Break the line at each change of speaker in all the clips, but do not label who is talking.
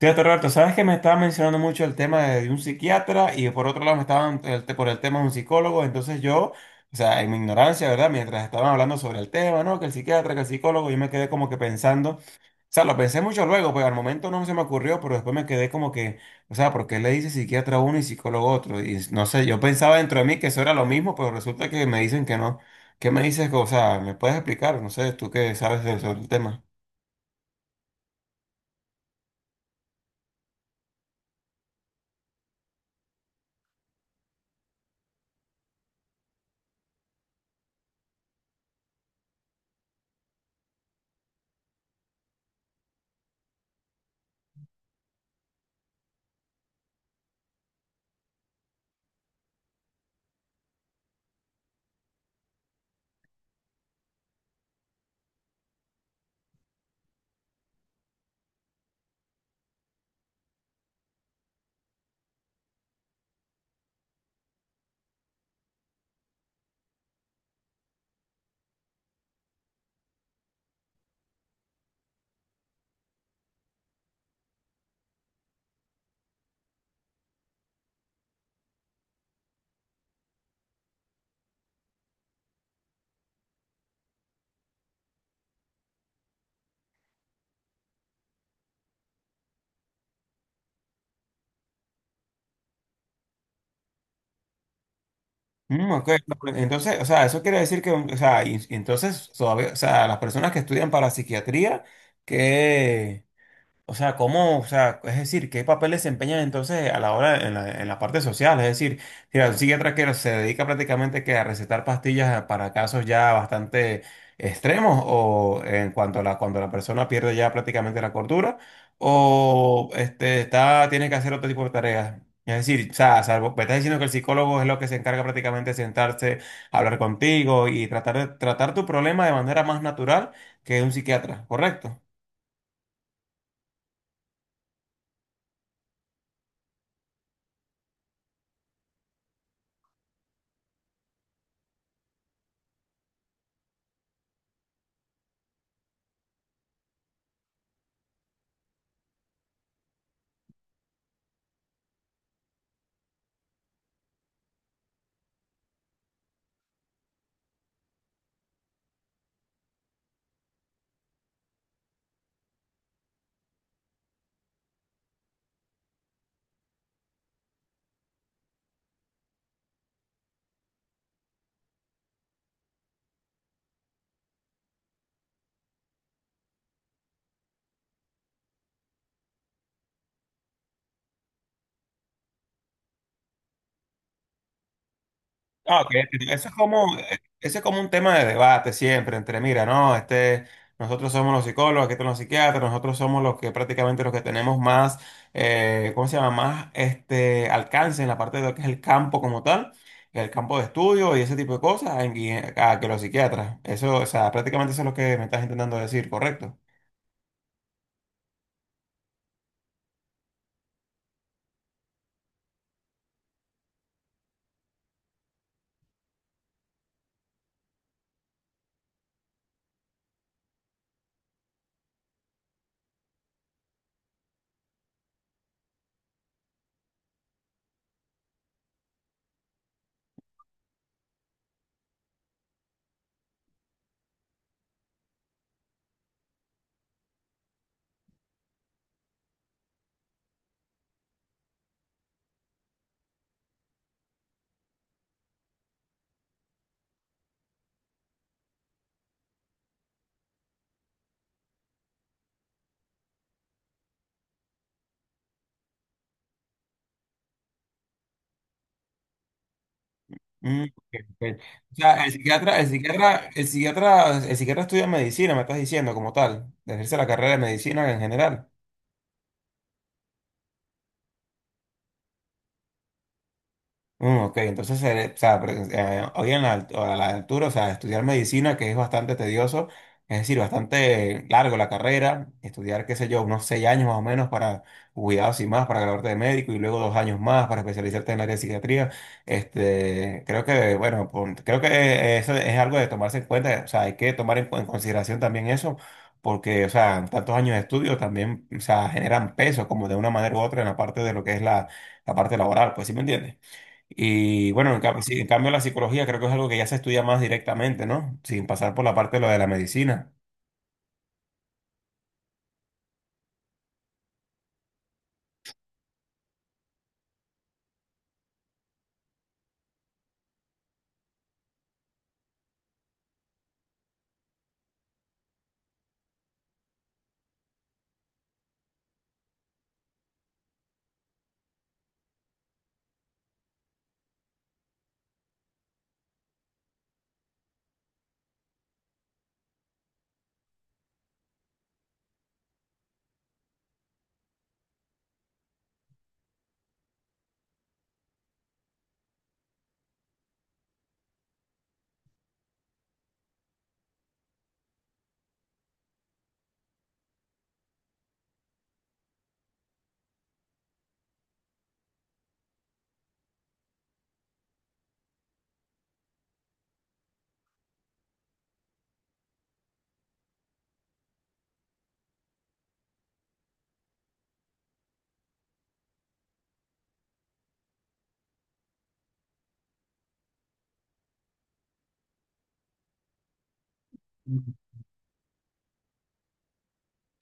Fíjate, Roberto, sabes que me estaba mencionando mucho el tema de un psiquiatra y por otro lado me estaban por el tema de un psicólogo, entonces yo, o sea, en mi ignorancia, ¿verdad? Mientras estaban hablando sobre el tema, ¿no? Que el psiquiatra, que el psicólogo, yo me quedé como que pensando, o sea, lo pensé mucho luego, pues al momento no se me ocurrió, pero después me quedé como que, o sea, ¿por qué le dice psiquiatra a uno y psicólogo a otro? Y no sé, yo pensaba dentro de mí que eso era lo mismo, pero resulta que me dicen que no. ¿Qué me dices? O sea, ¿me puedes explicar? No sé, tú sobre el tema. Mm, ok, no, pues, entonces, o sea, eso quiere decir que, o sea, y entonces, todavía, o sea, las personas que estudian para psiquiatría, que... O sea, ¿cómo, o sea, es decir, qué papel desempeñan entonces a la hora en en la parte social? Es decir, mira, un psiquiatra que se dedica prácticamente que a recetar pastillas para casos ya bastante extremos o en cuanto a la, cuando la persona pierde ya prácticamente la cordura o este, está, tiene que hacer otro tipo de tareas. Es decir, o sea, salvo, me estás diciendo que el psicólogo es lo que se encarga prácticamente de sentarse, hablar contigo y tratar de tratar tu problema de manera más natural que un psiquiatra, ¿correcto? Ah, ok, eso es como, ese es como un tema de debate siempre entre, mira, no, este, nosotros somos los psicólogos, aquí están los psiquiatras, nosotros somos los que prácticamente los que tenemos más, ¿cómo se llama? Más este alcance en la parte de lo que es el campo como tal, el campo de estudio y ese tipo de cosas, a que los psiquiatras. Eso, o sea, prácticamente eso es lo que me estás intentando decir, ¿correcto? Mm, ok, ok. O sea, el psiquiatra estudia medicina, me estás diciendo como tal, ejerce la carrera de medicina en general. Mm, ok, entonces, o sea, hoy en a la altura, o sea, estudiar medicina, que es bastante tedioso, es decir, bastante largo la carrera, estudiar, qué sé yo, unos seis años más o menos para cuidados y más, para graduarte de médico y luego dos años más para especializarte en el área de psiquiatría, este, creo que, bueno, creo que eso es algo de tomarse en cuenta, o sea, hay que tomar en consideración también eso, porque, o sea, tantos años de estudio también, o sea, generan peso como de una manera u otra en la parte de lo que es la, la parte laboral, pues, ¿sí me entiendes? Y bueno, sí, en cambio la psicología creo que es algo que ya se estudia más directamente, ¿no? Sin pasar por la parte de lo de la medicina.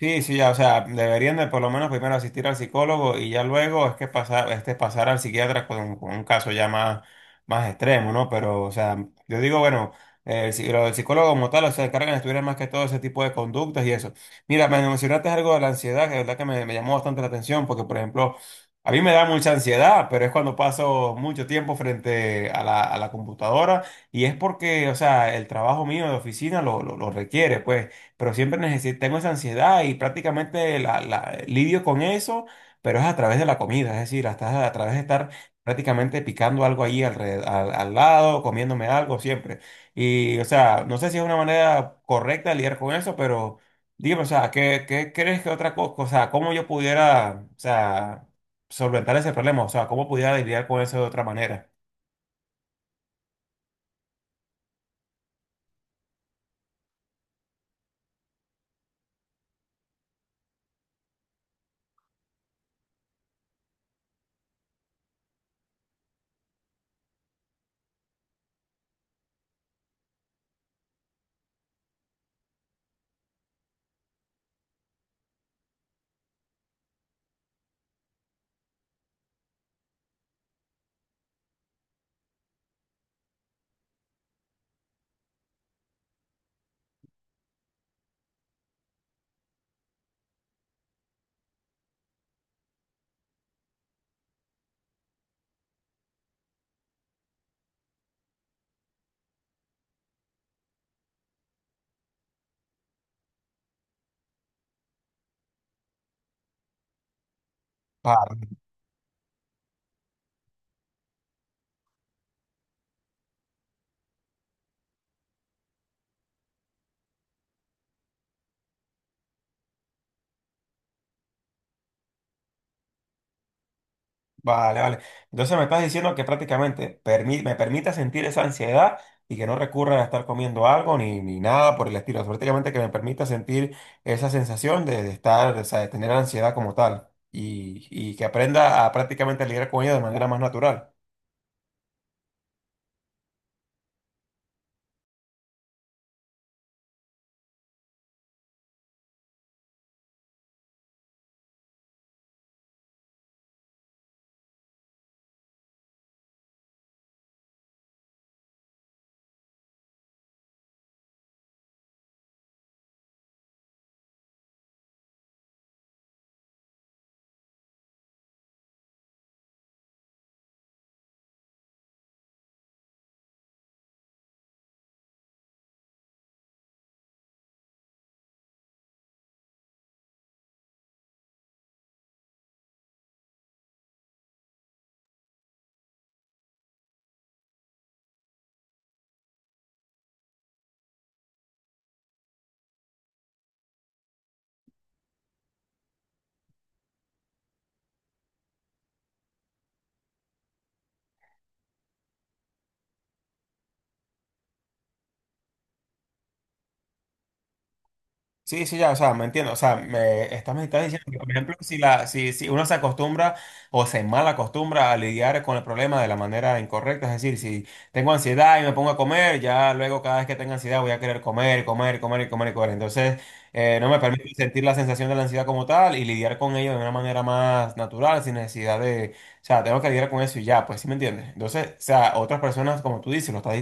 Sí, sí, ya, o sea, deberían de por lo menos primero asistir al psicólogo y ya luego es que pasar, este, pasar al psiquiatra con un caso ya más, más extremo, ¿no? Pero, o sea, yo digo, bueno, lo del psicólogo como tal, o sea, se encargan de estudiar más que todo ese tipo de conductas y eso. Mira, me mencionaste algo de la ansiedad, que de verdad que me llamó bastante la atención, porque, por ejemplo, a mí me da mucha ansiedad, pero es cuando paso mucho tiempo frente a a la computadora y es porque, o sea, el trabajo mío de oficina lo, lo requiere, pues pero siempre necesito, tengo esa ansiedad y prácticamente lidio con eso, pero es a través de la comida, es decir, hasta a través de estar prácticamente picando algo allí alrededor, al lado, comiéndome algo siempre. Y, o sea, no sé si es una manera correcta de lidiar con eso, pero dígame, o sea, ¿qué, qué crees que otra cosa, o sea, cómo yo pudiera, o sea, solventar ese problema, o sea, cómo pudiera lidiar con eso de otra manera? Vale, vale. Entonces me estás diciendo que prácticamente me permita sentir esa ansiedad y que no recurra a estar comiendo algo ni nada por el estilo. Prácticamente que me permita sentir esa sensación de estar, o sea, de tener ansiedad como tal y que aprenda a prácticamente lidiar con ella de manera más natural. Sí, sí, ya, o sea, me entiendo, o sea, me estás diciendo que, por ejemplo, si, la, si, si uno se acostumbra o se mal acostumbra a lidiar con el problema de la manera incorrecta, es decir, si tengo ansiedad y me pongo a comer, ya luego cada vez que tenga ansiedad voy a querer comer, comer, comer y comer y comer. Entonces, no me permite sentir la sensación de la ansiedad como tal y lidiar con ello de una manera más natural, sin necesidad de, o sea, tengo que lidiar con eso y ya, pues, ¿sí me entiendes? Entonces, o sea, otras personas, como tú dices, lo, está-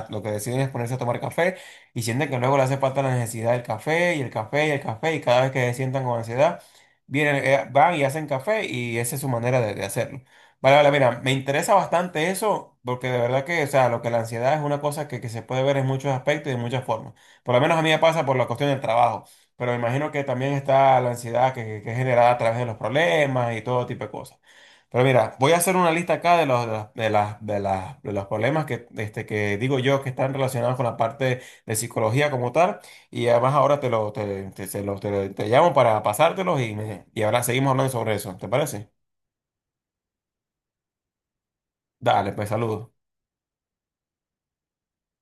lo, lo que deciden es ponerse a tomar café y sienten que luego le hace falta la necesidad del café y el café y el café y cada vez que se sientan con ansiedad, vienen, van y hacen café y esa es su manera de hacerlo. Vale, vale, mira, me interesa bastante eso porque de verdad que, o sea, lo que la ansiedad es una cosa que se puede ver en muchos aspectos y de muchas formas. Por lo menos a mí me pasa por la cuestión del trabajo, pero me imagino que también está la ansiedad que es generada a través de los problemas y todo tipo de cosas. Pero mira, voy a hacer una lista acá de los, de los problemas que, este, que digo yo que están relacionados con la parte de psicología como tal. Y además ahora te lo, te- se lo- te- te llamo para pasártelos y, y ahora seguimos hablando sobre eso. ¿Te parece? Dale, pues saludos.